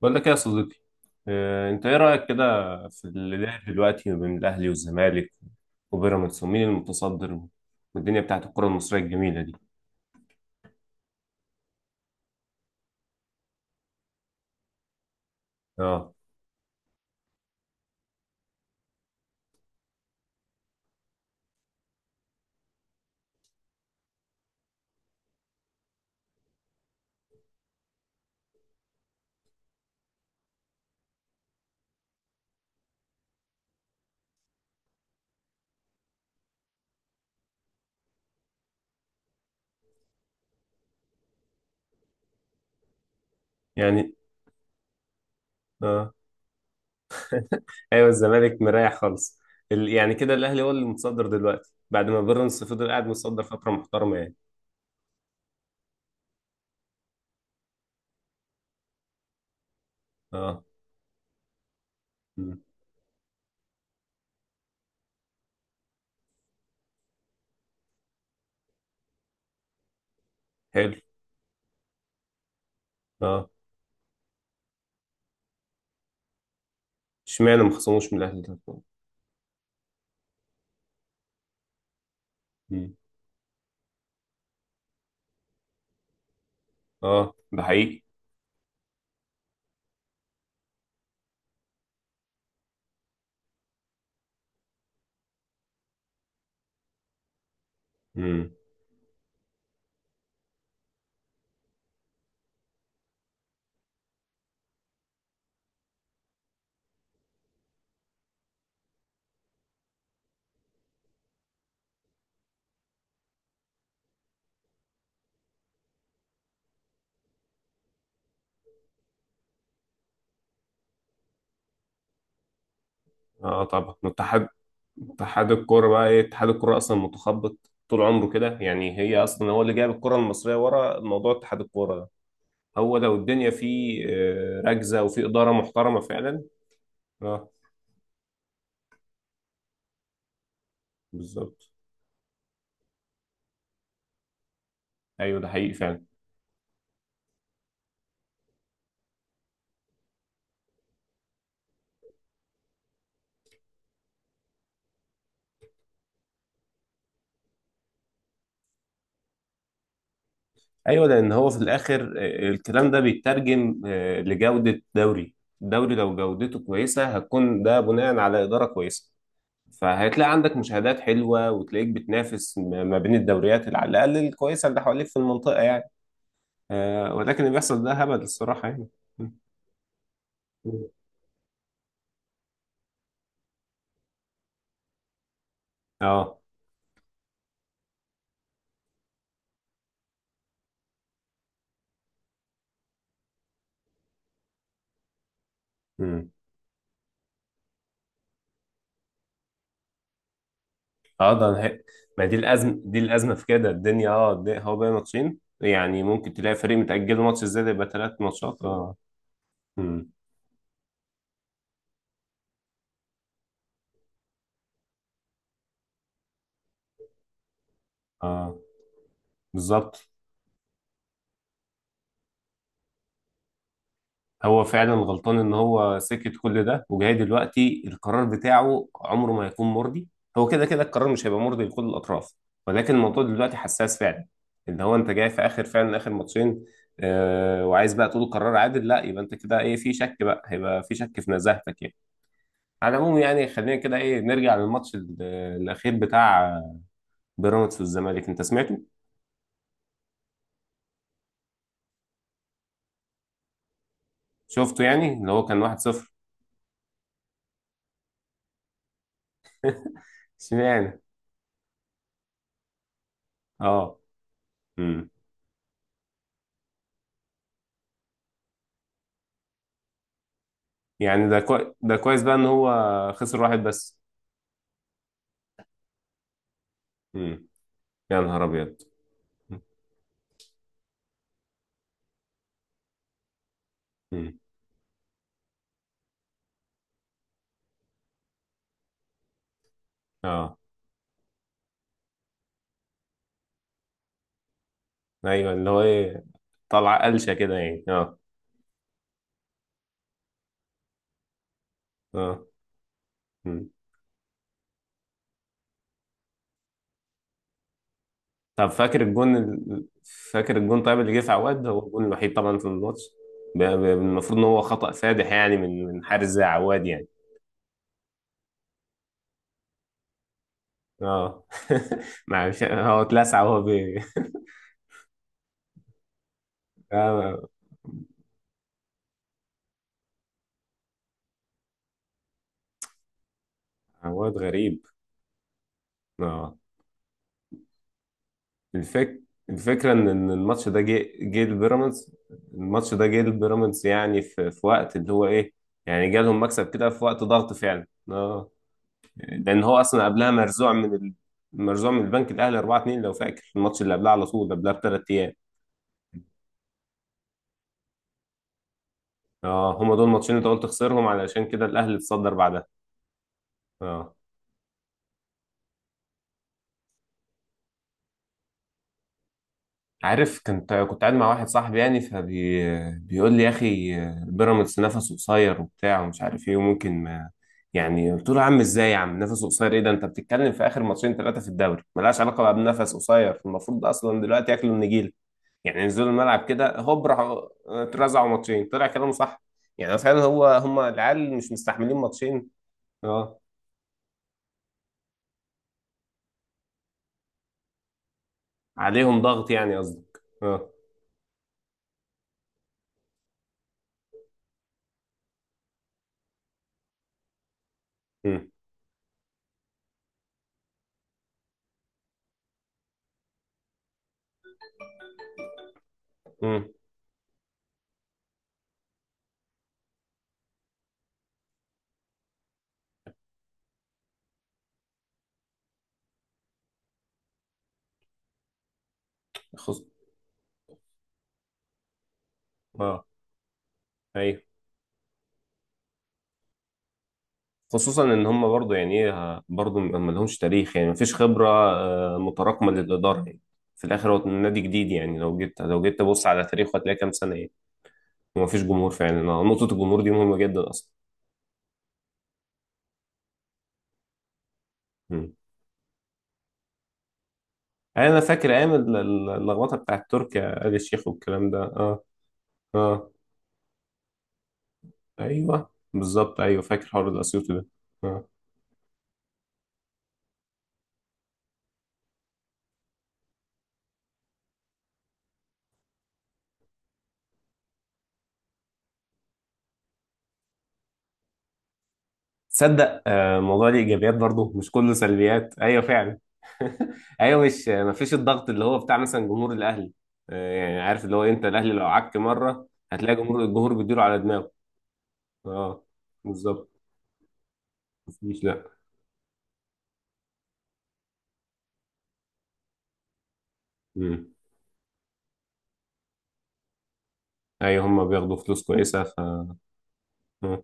بقول لك إيه يا صديقي. آه، انت ايه رايك كده في اللي داير دلوقتي ما بين الاهلي والزمالك وبيراميدز ومين المتصدر والدنيا بتاعت الكره المصريه الجميله دي. اه. يعني. اه. ايوه الزمالك مريح خالص. يعني كده الاهلي هو اللي متصدر دلوقتي بعد ما بيراميدز فضل قاعد متصدر فتره محترمه، يعني. اه. مم. حلو. اه. اشمعنى ما خصموش من الاهلي ده؟ مم. اه، ده حقيقي. مم. اه، طبعا اتحاد الكوره. بقى ايه اتحاد الكوره؟ اصلا متخبط طول عمره كده، يعني. هي اصلا هو اللي جايب الكره المصريه ورا موضوع اتحاد الكوره ده. هو لو الدنيا فيه ركزه وفي اداره محترمه فعلا. اه، بالظبط. ايوه، ده حقيقي فعلا. ايوه، لان هو في الاخر الكلام ده بيترجم لجوده دوري. الدوري لو جودته كويسه هتكون ده بناء على اداره كويسه. فهتلاقي عندك مشاهدات حلوه وتلاقيك بتنافس ما بين الدوريات اللي على الاقل الكويسه اللي حواليك في المنطقه، يعني. آه، ولكن اللي بيحصل ده هبل الصراحة، يعني. مم. اه. امم. اه، ما دي الازمه، دي الازمه في كده الدنيا. اه، هو بقى ماتشين، يعني ممكن تلاقي فريق متأجل له ماتش، ازاي ده يبقى ثلاث ماتشات؟ اه. امم. اه، بالظبط. هو فعلا غلطان ان هو سكت كل ده، وجاي دلوقتي القرار بتاعه عمره ما هيكون مرضي. هو كده كده القرار مش هيبقى مرضي لكل الاطراف، ولكن الموضوع دلوقتي حساس فعلا. ان هو انت جاي في اخر، فعلا اخر ماتشين، آه، وعايز بقى تقول قرار عادل. لا، يبقى انت كده ايه، في شك، بقى هيبقى في شك في نزاهتك، يعني. على العموم، يعني خلينا كده ايه نرجع للماتش الاخير بتاع بيراميدز والزمالك. انت سمعته؟ شفته، يعني اللي هو كان 1-0. سمعنا. اه، يعني ده كويس بقى ان هو خسر واحد بس. امم. يا نهار ابيض. امم. اه. ايوه، اللي هو ايه، طلع قلشه كده، يعني. اه. اه. مم. طب فاكر الجون فاكر الجون؟ طيب اللي جه في عواد هو الجون الوحيد طبعا في الماتش. المفروض ان هو خطأ فادح، يعني، من حارس زي عواد، يعني. اه. معلش، هو اتلسع وهو بي. آه. عواد غريب. اه. الفك... الفكرة إن الماتش ده جه لبيراميدز. الماتش ده جه لبيراميدز، يعني في وقت اللي هو إيه، يعني جالهم مكسب كده في وقت ضغط فعلا. آه، لأن هو أصلا قبلها مرزوع من مرزوع من البنك الأهلي 4-2، لو فاكر الماتش اللي قبلها على طول، قبلها بثلاث أيام. آه، هما دول ماتشين أنت قلت خسرهم، علشان كده الأهلي اتصدر بعدها. آه. عارف، كنت قاعد مع واحد صاحبي، يعني، بيقول لي: يا اخي، بيراميدز نفسه قصير وبتاع ومش عارف ايه وممكن ما، يعني. قلت له: يا عم، ازاي يا عم نفسه قصير، ايه ده؟ انت بتتكلم في اخر ماتشين ثلاثه في الدوري، ملهاش علاقه بقى بنفس قصير. المفروض اصلا دلوقتي ياكلوا النجيله، يعني ينزلوا الملعب كده هوب، راحوا اترزعوا ماتشين، طلع كلامه صح. يعني فعلا هو، هم العيال مش مستحملين ماتشين. اه، عليهم ضغط، يعني قصدك. اه. امم. امم. خص. اه، ايوه، خصوصا ان هم برضو، يعني ايه، برضو ما لهمش تاريخ، يعني ما فيش خبره آه متراكمه للاداره، يعني. في الاخر هو نادي جديد، يعني لو جيت لو جيت تبص على تاريخه هتلاقي كام سنه، يعني. وما فيش جمهور فعلا، آه، نقطه الجمهور دي مهمه جدا اصلا. مم. يعني انا فاكر ايام اللخبطه بتاعت تركيا آل الشيخ والكلام ده. اه. اه. ايوه، بالظبط. ايوه، فاكر حوار الاسيوطي ده. آه. تصدق، آه، الموضوع ليه ايجابيات برضه، مش كله سلبيات. ايوه فعلا. ايوه، مش ما فيش الضغط اللي هو بتاع مثلا جمهور الاهلي. آه، يعني عارف، اللي هو انت الاهلي لو عك مره هتلاقي جمهور، الجمهور بيديله على دماغه. اه، بالظبط. مفيش، لا. مم. ايوه، هم بياخدوا فلوس كويسه، ف... مم.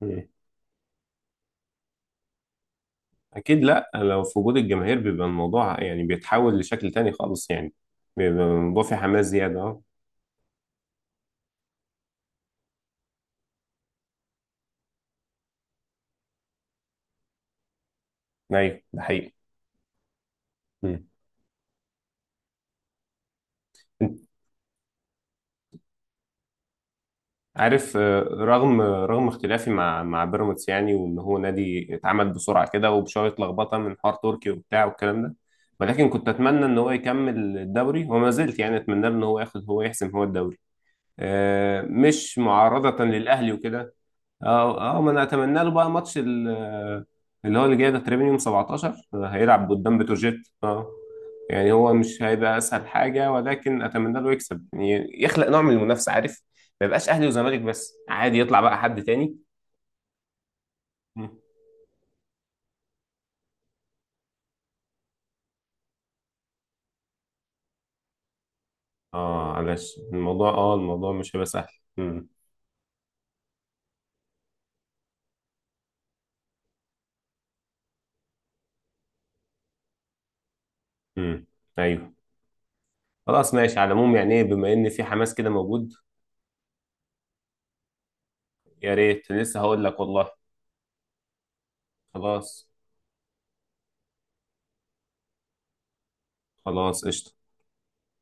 مم. اكيد لا، لو في وجود الجماهير بيبقى الموضوع، يعني، بيتحول لشكل تاني خالص، يعني. بيبقى الموضوع فيه حماس زياده. اه. ايوه، ده حقيقي. مم. عارف، آه، رغم اختلافي مع بيراميدز، يعني، وان هو نادي اتعمل بسرعه كده وبشويه لخبطه من حوار تركي وبتاع والكلام ده، ولكن كنت اتمنى ان هو يكمل الدوري، وما زلت يعني اتمنى له ان هو ياخد، هو يحسم هو الدوري. آه، مش معارضه للاهلي وكده. اه. اه، ما انا اتمنى له بقى ماتش اللي هو اللي جاي ده، تقريبا يوم 17 هيلعب قدام بتروجيت. اه. يعني هو مش هيبقى اسهل حاجه، ولكن اتمنى له يكسب، يعني يخلق نوع من المنافسه، عارف، ما يبقاش اهلي وزمالك بس، عادي يطلع بقى حد تاني. مم. اه، معلش، الموضوع، اه، الموضوع مش هيبقى سهل. امم. امم. ايوه. خلاص ماشي. على العموم، يعني ايه، بما ان في حماس كده موجود. يا ريت، لسه هقول لك والله. خلاص. خلاص قشطه.